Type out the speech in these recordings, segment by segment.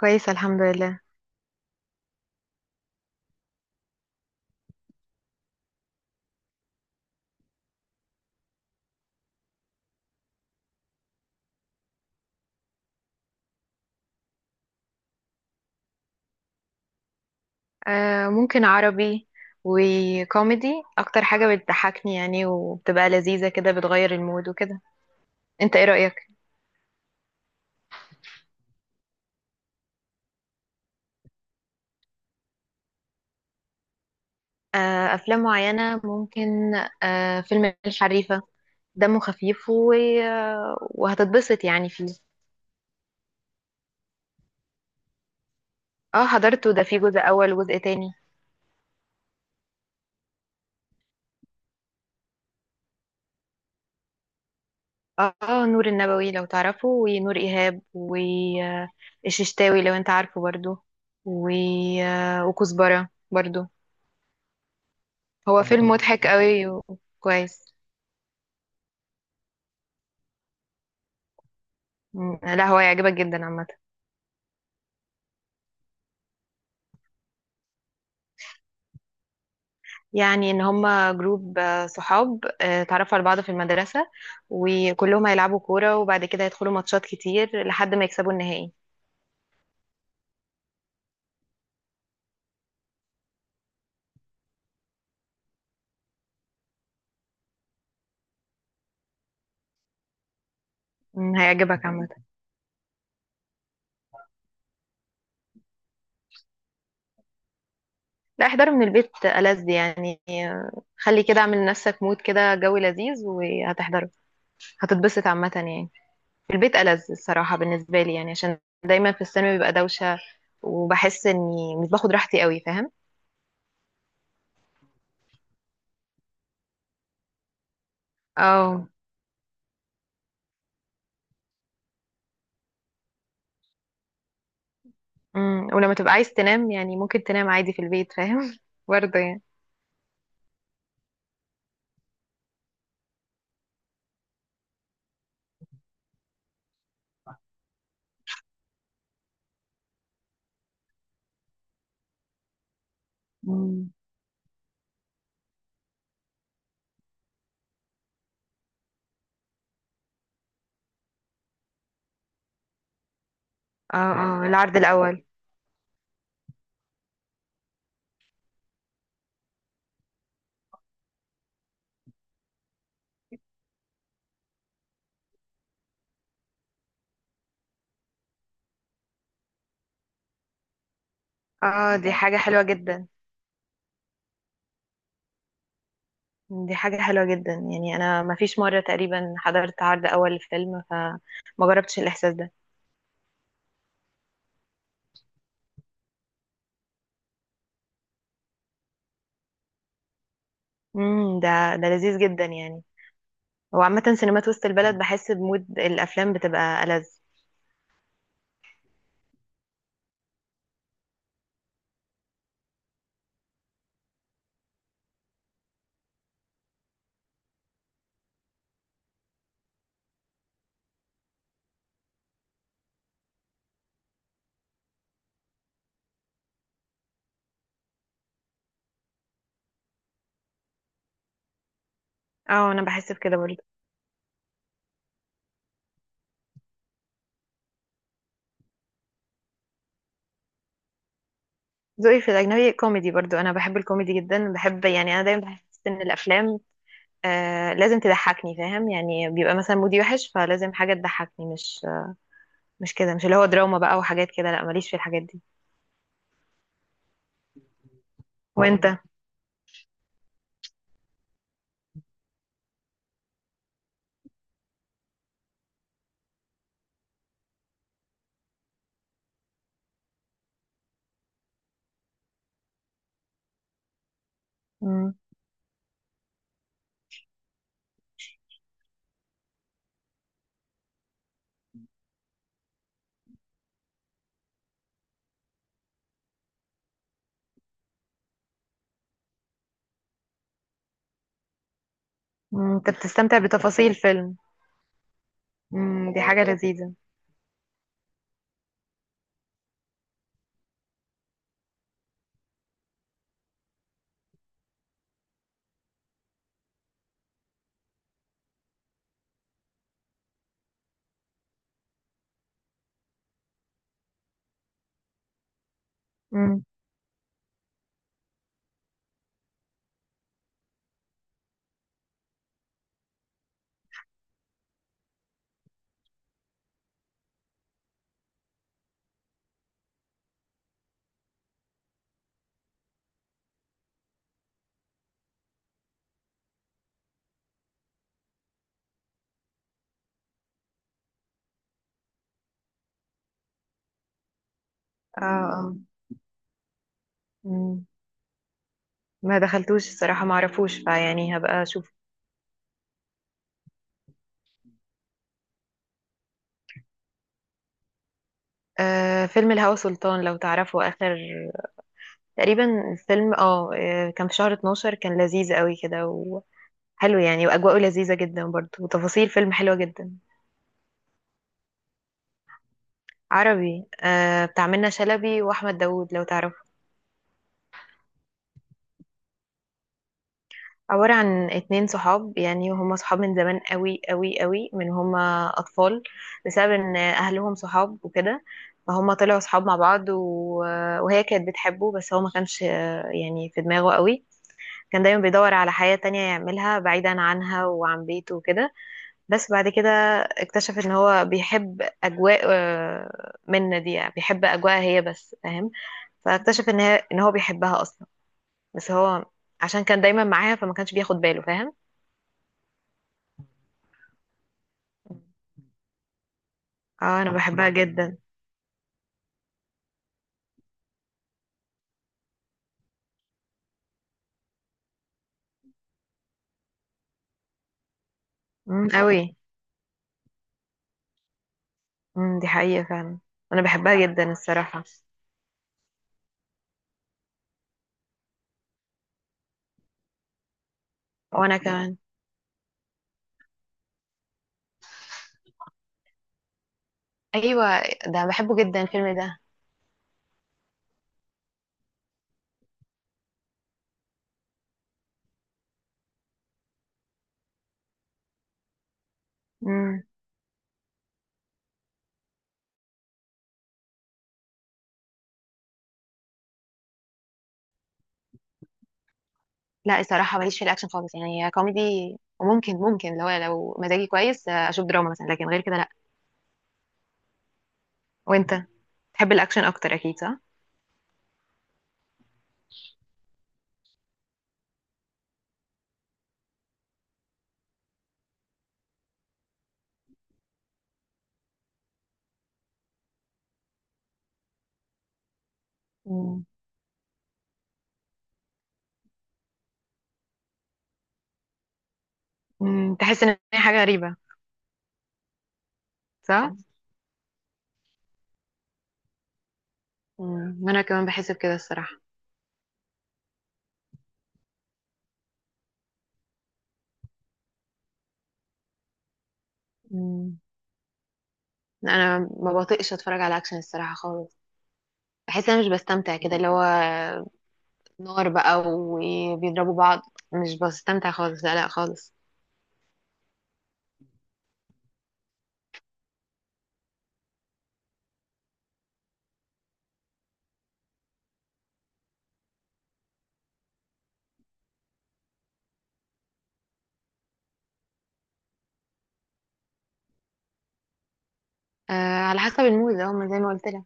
كويسة، الحمد لله. آه، ممكن عربي وكوميدي. اكتر حاجة بتضحكني، يعني، وبتبقى لذيذة كده، بتغير المود وكده. انت ايه رأيك؟ آه، افلام معينة ممكن. آه، فيلم الحريفة. دمه خفيف و وهتتبسط يعني فيه. اه، حضرته. ده فيه جزء اول وجزء تاني. اه آه، نور النبوي لو تعرفه، ونور ايهاب والششتاوي لو انت عارفه برضو. و وكزبرة برضو. هو فيلم مضحك قوي وكويس. مم. لا، هو يعجبك جدا عامة. يعني ان هما جروب صحاب اتعرفوا على بعض في المدرسة. وكلهم هيلعبوا كورة، وبعد كده هيدخلوا ماتشات كتير لحد ما يكسبوا النهائي. مم، هيعجبك عامة. لا، احضره من البيت ألذ يعني. خلي كده، اعمل لنفسك مود كده، جو لذيذ، وهتحضره. هتتبسط عامة يعني. في البيت ألذ الصراحة بالنسبة لي، يعني عشان دايما في الثانوي بيبقى دوشة. وبحس اني مش باخد راحتي قوي، فاهم. اه. ولما تبقى عايز تنام يعني ممكن تنام عادي في البيت، فاهم برضه يعني. مم. اه، اه، العرض الاول. اه، دي حاجة حلوة جدا. دي حاجة حلوة جدا، يعني انا ما فيش مرة تقريبا حضرت عرض اول لفيلم، فما جربتش الاحساس ده. امم ده ده لذيذ جدا يعني. وعامة سينمات وسط البلد، بحس بمود الافلام بتبقى ألذ. اه، انا بحس بكده برضه. ذوقي في الاجنبي كوميدي برضه. انا بحب الكوميدي جدا. بحب، يعني انا دايما بحس ان الافلام لازم تضحكني، فاهم يعني. بيبقى مثلا مودي وحش، فلازم حاجة تضحكني. مش كده، مش اللي هو دراما بقى وحاجات كده. لا، ماليش في الحاجات دي. وانت؟ مم. مم، انت بتستمتع بتفاصيل فيلم؟ مم، دي حاجة لذيذة. مم. اه، اه. مم. ما دخلتوش الصراحة، ما اعرفوش، فيعني هبقى اشوف. آه، فيلم الهوى سلطان لو تعرفه، اخر تقريبا الفيلم. كان في شهر 12، كان لذيذ قوي كده وحلو. يعني واجواءه لذيذة جدا برضه، وتفاصيل فيلم حلوة جدا. عربي، بتاع منة شلبي واحمد داوود لو تعرفه. عبارة عن 2 صحاب. يعني هما صحاب من زمان قوي قوي قوي، من هما اطفال. بسبب ان اهلهم صحاب وكده. فهما طلعوا صحاب مع بعض. و وهي كانت بتحبه. بس هو ما كانش، يعني في دماغه قوي. كان دايما بيدور على حياة تانية يعملها بعيدا عنها وعن بيته وكده. بس بعد كده، اكتشف ان هو بيحب اجواء منة دي. يعني بيحب اجواء هي بس، فاهم. فاكتشف ان هو بيحبها اصلا. بس هو، عشان كان دايما معاها فما كانش بياخد باله، فاهم. اه، انا بحبها جدا. امم، قوي. امم، دي حقيقة فعلا. انا بحبها جدا الصراحة. وانا كمان. ايوه. ده بحبه جدا الفيلم ده. امم. لا، الصراحة ماليش في الاكشن خالص، يعني هي كوميدي. وممكن ممكن لو مزاجي كويس، اشوف دراما مثلا، لكن غير كده لا. وانت، تحب الاكشن اكتر اكيد، صح؟ امم أمم، تحس ان هي حاجة غريبة. صح. انا كمان بحس بكده الصراحة. امم انا ما بطيقش اتفرج على اكشن الصراحة خالص. بحس انا مش بستمتع كده، اللي هو نار بقى وبيضربوا بعض. مش بستمتع خالص، لا لا خالص. آه، على حسب المود اهو، ما زي ما قلت لك.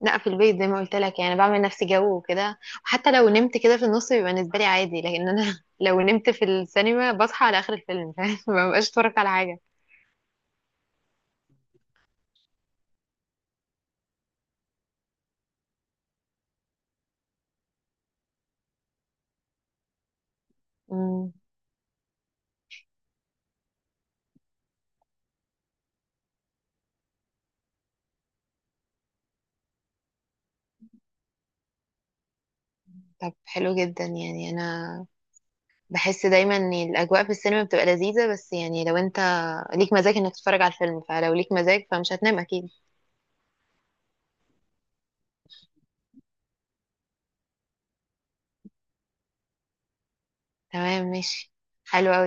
لا، في البيت زي ما قلت لك، يعني بعمل نفسي جو وكده. وحتى لو نمت كده في النص بيبقى بالنسبه لي عادي. لكن انا لو نمت في السينما بصحى على اخر الفيلم، فاهم ما ببقاش اتفرج على حاجه. مم. طب، حلو جدا يعني. انا بحس دايما ان الاجواء في السينما بتبقى لذيذه، بس يعني لو انت ليك مزاج انك تتفرج على الفيلم، فلو ليك مزاج فمش هتنام اكيد. تمام، ماشي. حلو قوي.